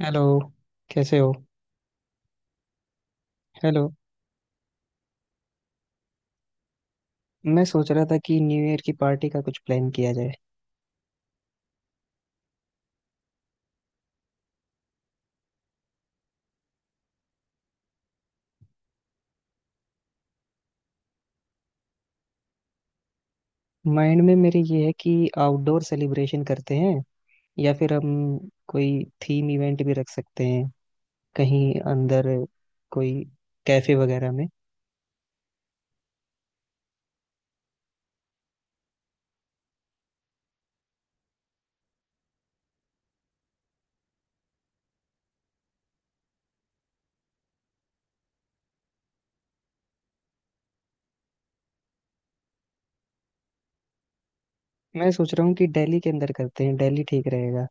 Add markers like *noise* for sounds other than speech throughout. Hello. कैसे हो? Hello, मैं सोच रहा था कि न्यू ईयर की पार्टी का कुछ प्लान किया जाए। माइंड में मेरे ये है कि आउटडोर सेलिब्रेशन करते हैं, या फिर हम कोई थीम इवेंट भी रख सकते हैं कहीं अंदर, कोई कैफे वगैरह में। मैं सोच रहा हूँ कि दिल्ली के अंदर करते हैं, दिल्ली ठीक रहेगा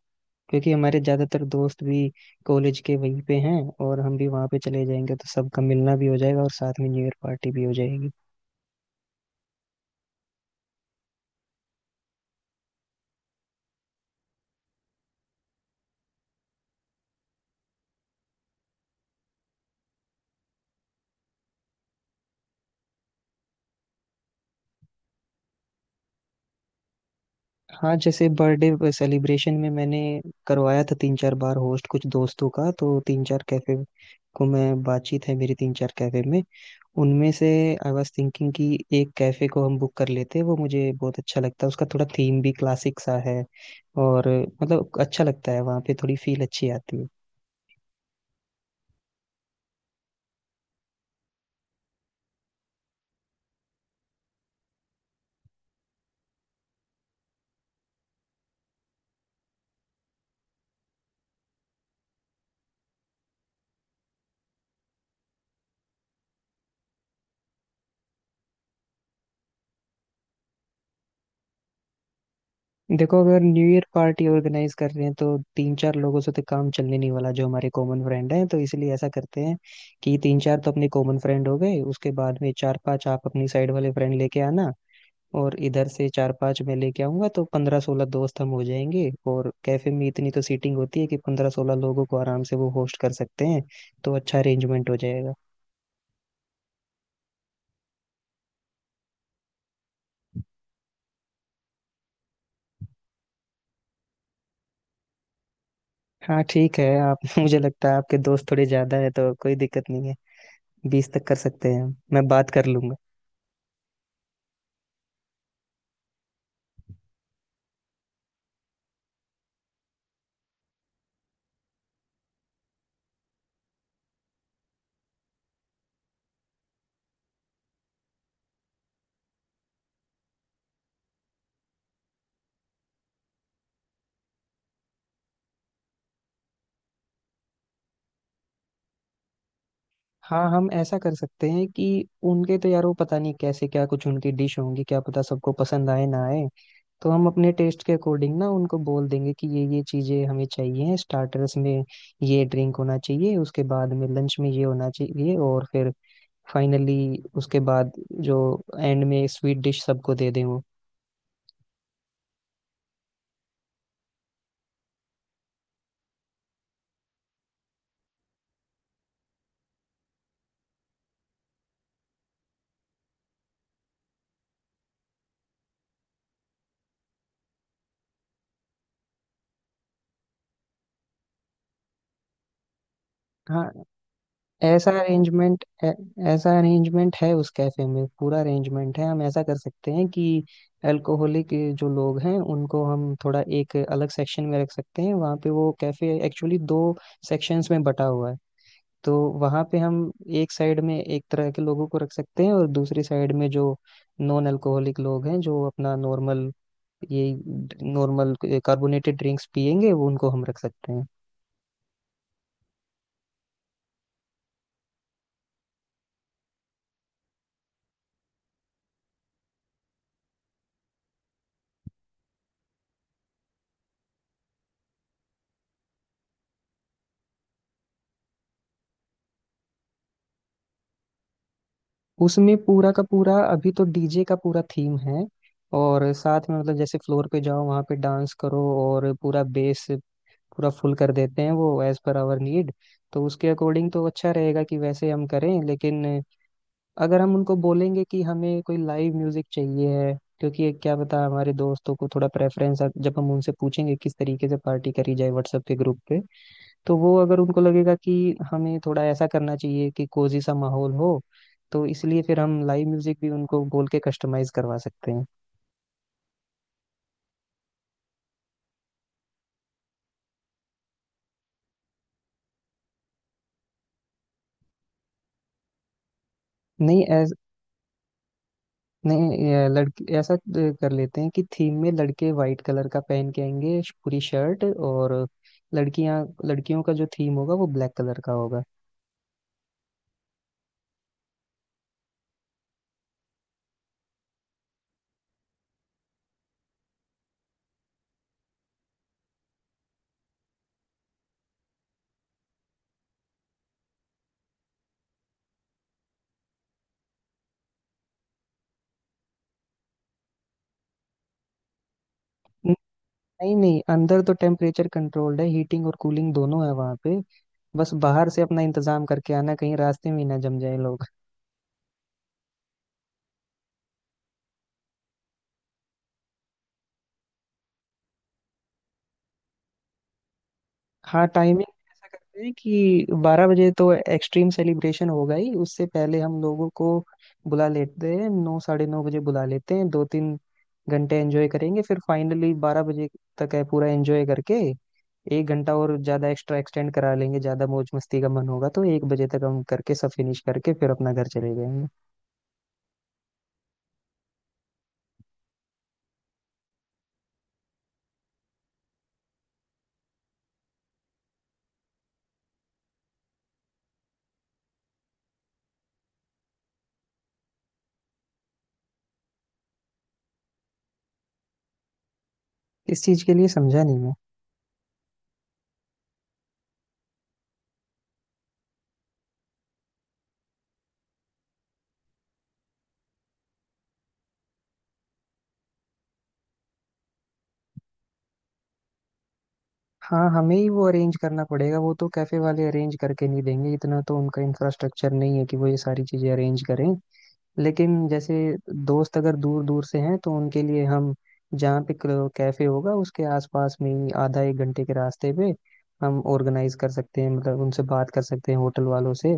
क्योंकि हमारे ज़्यादातर दोस्त भी कॉलेज के वहीं पे हैं और हम भी वहाँ पे चले जाएंगे, तो सबका मिलना भी हो जाएगा और साथ में न्यू ईयर पार्टी भी हो जाएगी। हाँ, जैसे बर्थडे सेलिब्रेशन में मैंने करवाया था तीन चार बार, होस्ट कुछ दोस्तों का, तो तीन चार कैफे को मैं, बातचीत है मेरी तीन चार कैफे में। उनमें से आई वाज थिंकिंग कि एक कैफे को हम बुक कर लेते। वो मुझे बहुत अच्छा लगता है, उसका थोड़ा थीम भी क्लासिक सा है और मतलब अच्छा लगता है, वहाँ पे थोड़ी फील अच्छी आती है। देखो, अगर न्यू ईयर पार्टी ऑर्गेनाइज कर रहे हैं तो तीन चार लोगों से तो काम चलने नहीं वाला जो हमारे कॉमन फ्रेंड हैं, तो इसलिए ऐसा करते हैं कि तीन चार तो अपने कॉमन फ्रेंड हो गए, उसके बाद में चार पांच आप अपनी साइड वाले फ्रेंड लेके आना और इधर से चार पांच मैं लेके आऊंगा, तो 15 16 दोस्त हम हो जाएंगे और कैफे में इतनी तो सीटिंग होती है कि 15 16 लोगों को आराम से वो होस्ट कर सकते हैं, तो अच्छा अरेंजमेंट हो जाएगा। हाँ ठीक है आप *laughs* मुझे लगता है आपके दोस्त थोड़े ज्यादा है तो कोई दिक्कत नहीं है, 20 तक कर सकते हैं हम, मैं बात कर लूंगा। हाँ, हम ऐसा कर सकते हैं कि उनके तो, यार वो पता नहीं कैसे क्या कुछ उनकी डिश होंगी, क्या पता सबको पसंद आए ना आए, तो हम अपने टेस्ट के अकॉर्डिंग ना उनको बोल देंगे कि ये चीजें हमें चाहिए स्टार्टर्स में, ये ड्रिंक होना चाहिए, उसके बाद में लंच में ये होना चाहिए और फिर फाइनली उसके बाद जो एंड में स्वीट डिश सबको दे दें वो। हाँ, ऐसा अरेंजमेंट ऐसा अरेंजमेंट है उस कैफे में, पूरा अरेंजमेंट है। हम ऐसा कर सकते हैं कि अल्कोहलिक जो लोग हैं उनको हम थोड़ा एक अलग सेक्शन में रख सकते हैं, वहाँ पे वो कैफे एक्चुअली दो सेक्शंस में बटा हुआ है। तो वहाँ पे हम एक साइड में एक तरह के लोगों को रख सकते हैं और दूसरी साइड में जो नॉन अल्कोहलिक लोग हैं जो अपना ये नॉर्मल कार्बोनेटेड ड्रिंक्स पियेंगे, वो उनको हम रख सकते हैं। उसमें पूरा का पूरा अभी तो डीजे का पूरा थीम है, और साथ में मतलब जैसे फ्लोर पे जाओ वहाँ पे डांस करो और पूरा फुल कर देते हैं वो, एज पर आवर नीड। तो उसके अकॉर्डिंग तो अच्छा रहेगा कि वैसे हम करें, लेकिन अगर हम उनको बोलेंगे कि हमें कोई लाइव म्यूजिक चाहिए है, क्योंकि ये क्या पता हमारे दोस्तों को थोड़ा प्रेफरेंस, जब हम उनसे पूछेंगे किस तरीके से पार्टी करी जाए व्हाट्सएप के ग्रुप पे, तो वो अगर उनको लगेगा कि हमें थोड़ा ऐसा करना चाहिए कि कोजी सा माहौल हो, तो इसलिए फिर हम लाइव म्यूजिक भी उनको बोल के कस्टमाइज करवा सकते हैं। नहीं ऐस, नहीं, ये लड़के ऐसा कर लेते हैं कि थीम में लड़के वाइट कलर का पहन के आएंगे, पूरी शर्ट, और लड़कियां, लड़कियों का जो थीम होगा वो ब्लैक कलर का होगा। न- नहीं नहीं, अंदर तो टेम्परेचर कंट्रोल्ड है, हीटिंग और कूलिंग दोनों है वहाँ पे, बस बाहर से अपना इंतजाम करके आना, कहीं रास्ते में ही ना जम जाए लोग। हाँ, टाइमिंग ऐसा करते हैं कि 12 बजे तो एक्सट्रीम सेलिब्रेशन होगा ही, उससे पहले हम लोगों को बुला लेते हैं, 9 साढ़े 9 बजे बुला लेते हैं, 2 3 घंटे एंजॉय करेंगे, फिर फाइनली 12 बजे तक है पूरा एंजॉय करके, 1 घंटा और ज्यादा एक्स्ट्रा एक्सटेंड करा लेंगे, ज्यादा मौज मस्ती का मन होगा तो 1 बजे तक हम करके सब फिनिश करके फिर अपना घर चले जाएंगे। इस चीज के लिए समझा नहीं मैं। हाँ, हमें ही वो अरेंज करना पड़ेगा, वो तो कैफे वाले अरेंज करके नहीं देंगे, इतना तो उनका इंफ्रास्ट्रक्चर नहीं है कि वो ये सारी चीजें अरेंज करें। लेकिन जैसे दोस्त अगर दूर दूर से हैं तो उनके लिए हम, जहाँ पे कैफे होगा उसके आसपास में ही आधा 1 घंटे के रास्ते पे हम ऑर्गेनाइज कर सकते हैं, मतलब उनसे बात कर सकते हैं होटल वालों से,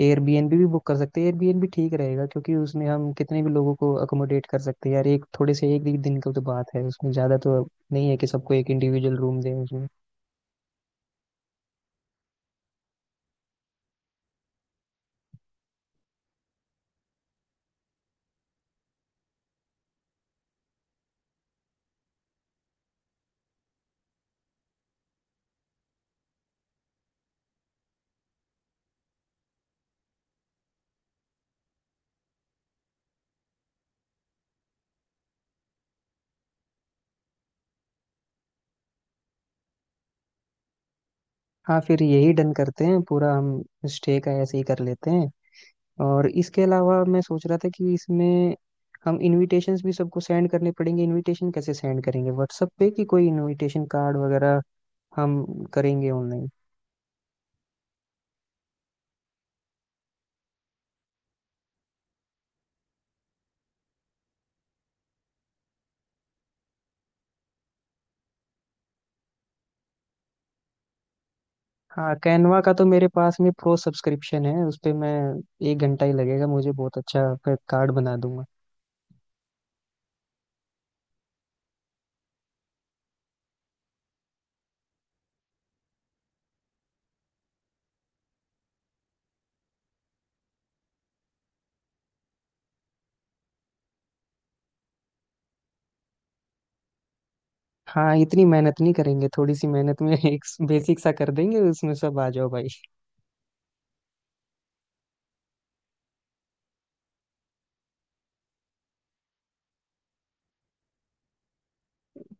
एयरबीएनबी भी बुक कर सकते हैं। एयरबीएनबी ठीक रहेगा क्योंकि उसमें हम कितने भी लोगों को अकोमोडेट कर सकते हैं, यार एक थोड़े से एक ही दिन का तो बात है, उसमें ज़्यादा तो नहीं है कि सबको एक इंडिविजुअल रूम दें उसमें। हाँ, फिर यही डन करते हैं पूरा हम, स्टे का ऐसे ही कर लेते हैं। और इसके अलावा मैं सोच रहा था कि इसमें हम इनविटेशंस भी सबको सेंड करने पड़ेंगे, इनविटेशन कैसे सेंड करेंगे, व्हाट्सएप पे कि कोई इनविटेशन कार्ड वगैरह हम करेंगे ऑनलाइन। हाँ, कैनवा का तो मेरे पास में प्रो सब्सक्रिप्शन है, उस पे मैं, 1 घंटा ही लगेगा मुझे, बहुत अच्छा कार्ड बना दूंगा। हाँ, इतनी मेहनत नहीं करेंगे, थोड़ी सी मेहनत में *laughs* एक बेसिक सा कर देंगे, उसमें सब आ जाओ भाई।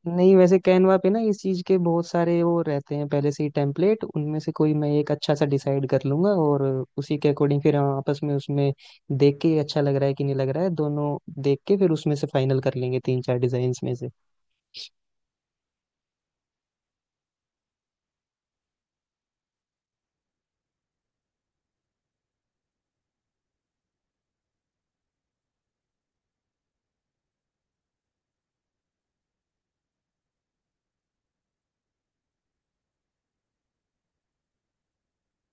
नहीं, वैसे कैनवा पे ना इस चीज के बहुत सारे वो रहते हैं पहले से ही टेम्पलेट, उनमें से कोई मैं एक अच्छा सा डिसाइड कर लूंगा और उसी के अकॉर्डिंग फिर हम आपस में उसमें देख के अच्छा लग रहा है कि नहीं लग रहा है, दोनों देख के फिर उसमें से फाइनल कर लेंगे तीन चार डिजाइन में से।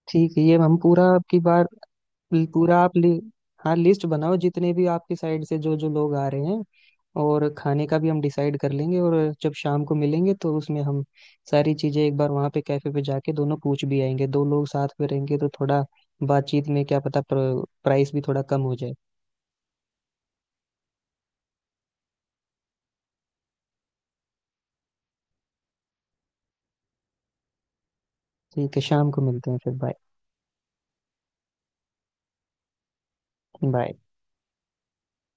ठीक है, ये हम पूरा आपकी बार ल- पूरा आप लि, हाँ, लिस्ट बनाओ जितने भी आपके साइड से जो जो लोग आ रहे हैं, और खाने का भी हम डिसाइड कर लेंगे और जब शाम को मिलेंगे तो उसमें हम सारी चीजें एक बार वहाँ पे कैफे पे जाके दोनों पूछ भी आएंगे, दो लोग साथ में रहेंगे तो थोड़ा बातचीत में क्या पता प्राइस भी थोड़ा कम हो जाए। ठीक है, शाम को मिलते हैं फिर, बाय। बाय।